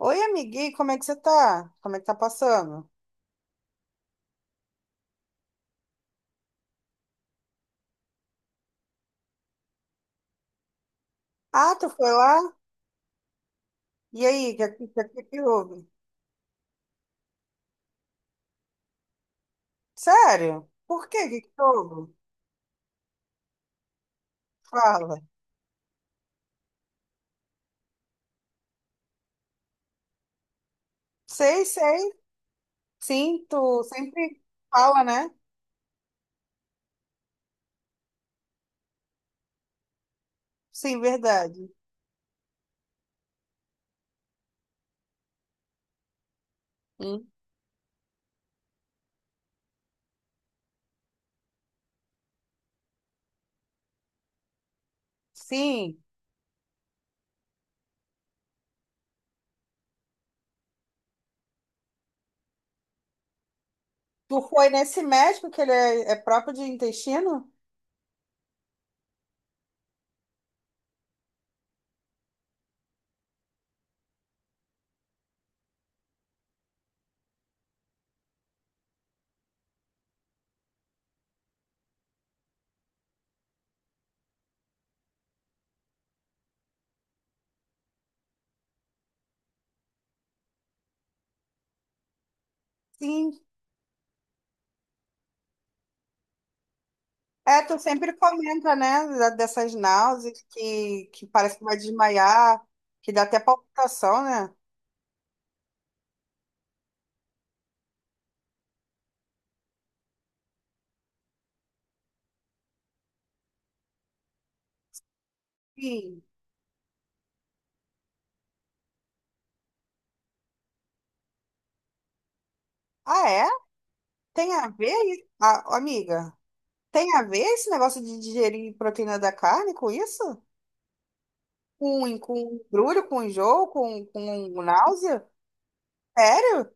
Oi, amiguinho, como é que você tá? Como é que tá passando? Ah, tu foi lá? E aí, o que que houve? Sério? Por quê? O que que houve? Fala. Sei, sei. Sim, tu sempre fala, né? Sim, verdade. Hum. Sim. Tu foi nesse médico que ele é próprio de intestino? Sim. É, tu sempre comenta, né? Dessas náuseas que parece que vai desmaiar, que dá até palpitação, né? Sim. Ah, é? Tem a ver, amiga? Tem a ver esse negócio de digerir proteína da carne com isso? Com embrulho, com enjoo, com náusea? Sério?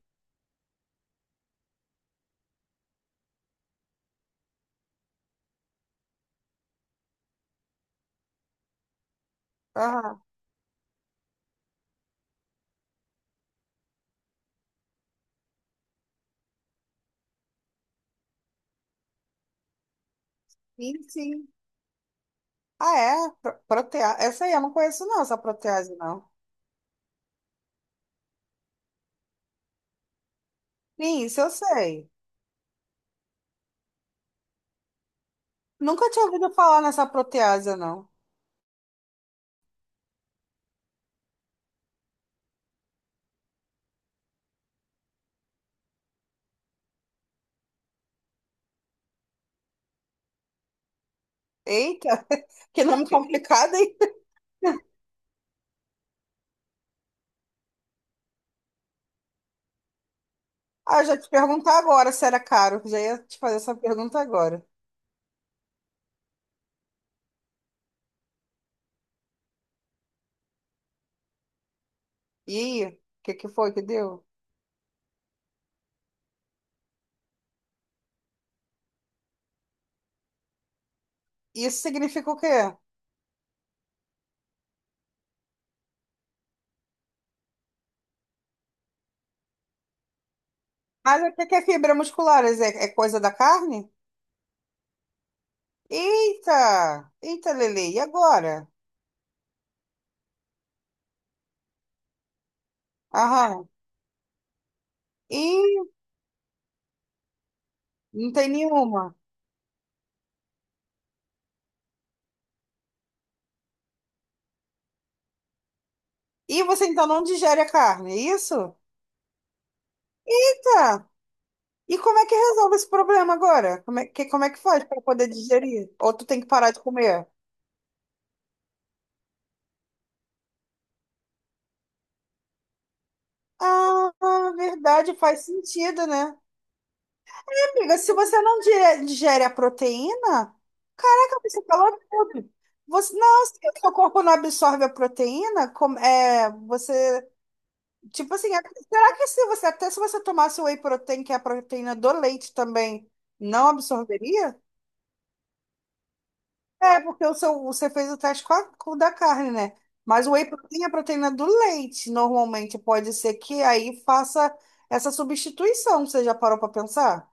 Aham. Sim, sim. Ah, é? Essa aí eu não conheço, não, essa protease, não. Sim, isso eu sei. Nunca tinha ouvido falar nessa protease, não. Eita, que nome complicado, hein? Ah, eu já te perguntar agora se era caro. Já ia te fazer essa pergunta agora. E aí, o que que foi que deu? Isso significa o quê? Mas o que que é fibra muscular? É coisa da carne? Eita! Eita, Lele, e agora? Aham. E não tem nenhuma. E você então não digere a carne, é isso? Eita! E como é que resolve esse problema agora? Como é que faz para poder digerir? Ou tu tem que parar de comer? Ah, verdade, faz sentido, né? Amiga, se você não digere a proteína, caraca, você falou tudo. Não, se o seu corpo não absorve a proteína, como, é, você, tipo assim, será que se você, até se você tomasse whey protein, que é a proteína do leite também, não absorveria? É, porque o seu, você fez o teste com o da carne, né? Mas o whey protein é a proteína do leite, normalmente. Pode ser que aí faça essa substituição, você já parou para pensar?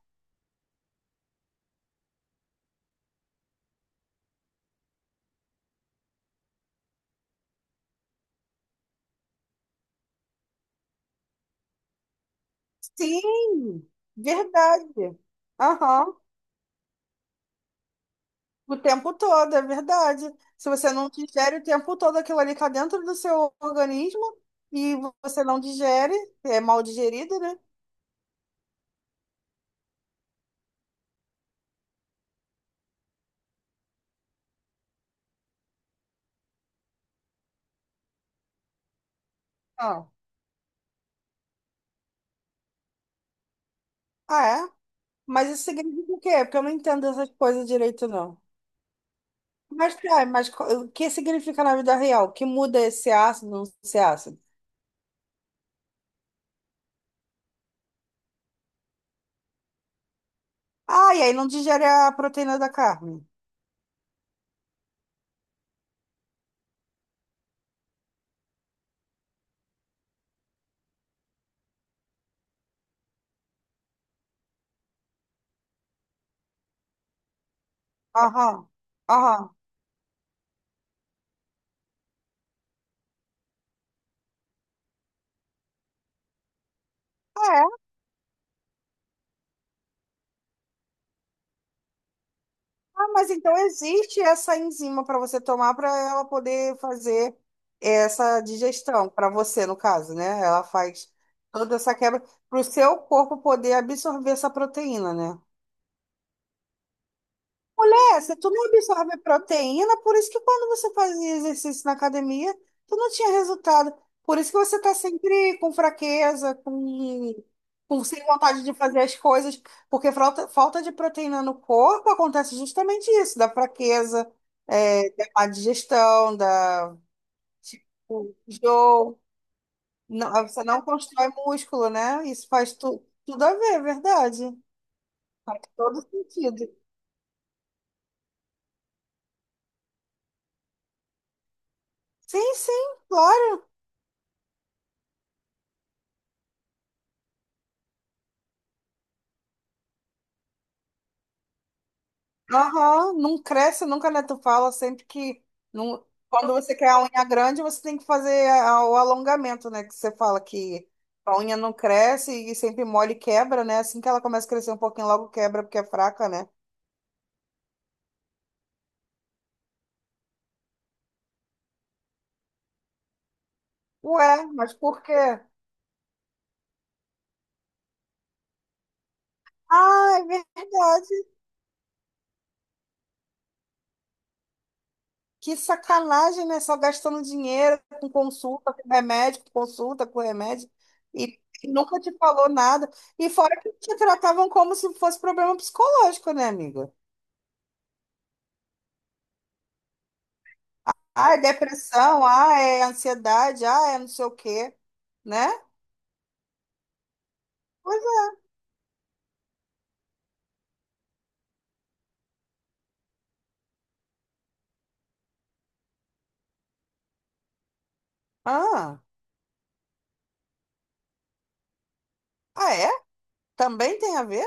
Sim, verdade. Aham, o tempo todo, é verdade. Se você não digere o tempo todo aquilo ali está dentro do seu organismo e você não digere, é mal digerido, né? Ah, ah, é? Mas isso significa o quê? É, porque eu não entendo essas coisas direito, não. Mas, tá, o que significa na vida real? O que muda esse ácido, não esse ácido? Ah, e aí não digere a proteína da carne. Aham, aham. É. Ah, mas então existe essa enzima para você tomar para ela poder fazer essa digestão, para você, no caso, né? Ela faz toda essa quebra para o seu corpo poder absorver essa proteína, né? Mulher, se tu não absorve proteína, por isso que quando você fazia exercício na academia, tu não tinha resultado. Por isso que você tá sempre com fraqueza, com sem vontade de fazer as coisas, porque falta de proteína no corpo acontece justamente isso, da fraqueza, é, da má digestão, da, tipo, enjoo. Não, você não constrói músculo, né? Isso faz tu, tudo a ver, é verdade. Faz todo sentido. Sim, sim, claro. Aham, não cresce nunca, né? Tu fala sempre que não... quando você quer a unha grande, você tem que fazer o alongamento, né? Que você fala que a unha não cresce e sempre mole e quebra, né? Assim que ela começa a crescer um pouquinho, logo quebra porque é fraca, né? Ué, mas por quê? Ah, é verdade. Que sacanagem, né? Só gastando dinheiro com consulta, com remédio, com consulta, com remédio. E nunca te falou nada. E fora que te tratavam como se fosse problema psicológico, né, amiga? Ah, é depressão, ah, é ansiedade, ah, é não sei o quê, né? Pois é. Ah, ah, é? Também tem a ver?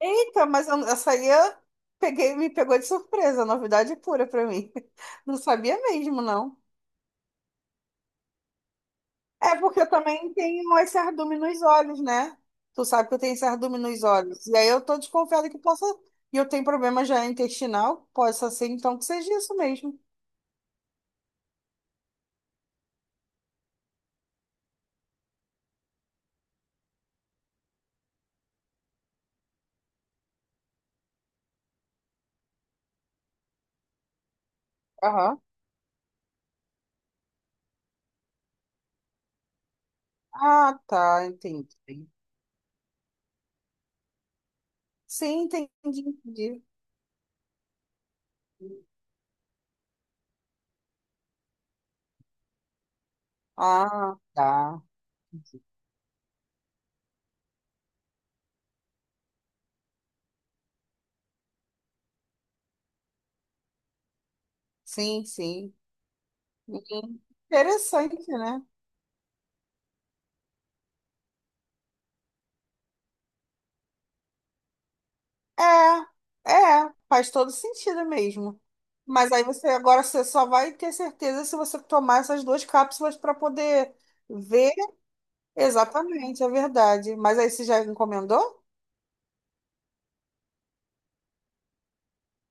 Eita, mas essa aí eu peguei, me pegou de surpresa, novidade pura pra mim. Não sabia mesmo, não. É porque eu também tenho esse cardume nos olhos, né? Tu sabe que eu tenho esse cardume nos olhos. E aí eu tô desconfiada que possa. E eu tenho problema já intestinal, possa ser então que seja isso mesmo. Aham. Ah, tá, entendi. Sim, entendi, entendi. Ah, tá. Sim, sim. Sim. Interessante, né? É, faz todo sentido mesmo. Mas aí você agora você só vai ter certeza se você tomar essas duas cápsulas para poder ver exatamente, é verdade. Mas aí você já encomendou?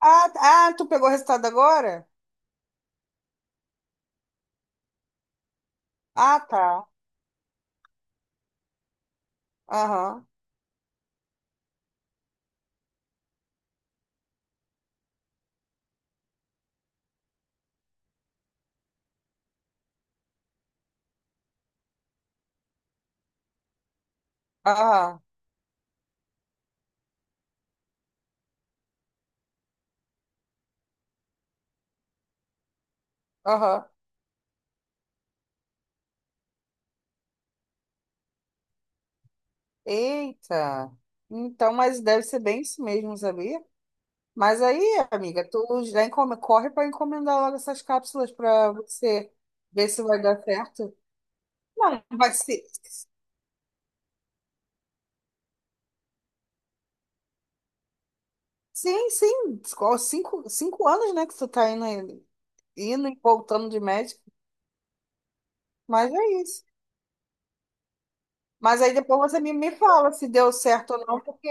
Ah, tu pegou o resultado agora? Ah, tá. Aham, aham, aham. Eita. Então, mas deve ser bem isso mesmo, sabia? Mas aí, amiga, tu já corre para encomendar logo essas cápsulas para você ver se vai dar certo. Não, vai ser. Sim, sim. Cinco, cinco anos, né, que tu tá indo e voltando de médico. Mas é isso. Mas aí depois você me fala se deu certo ou não, porque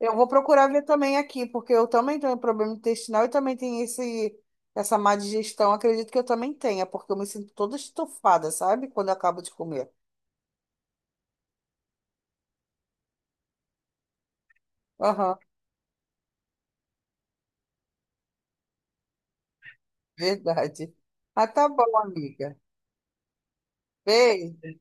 eu vou procurar ver também aqui, porque eu também tenho problema intestinal e também tenho essa má digestão. Acredito que eu também tenha, porque eu me sinto toda estufada, sabe? Quando eu acabo de comer. Aham. Verdade. Ah, tá bom, amiga. Beijo.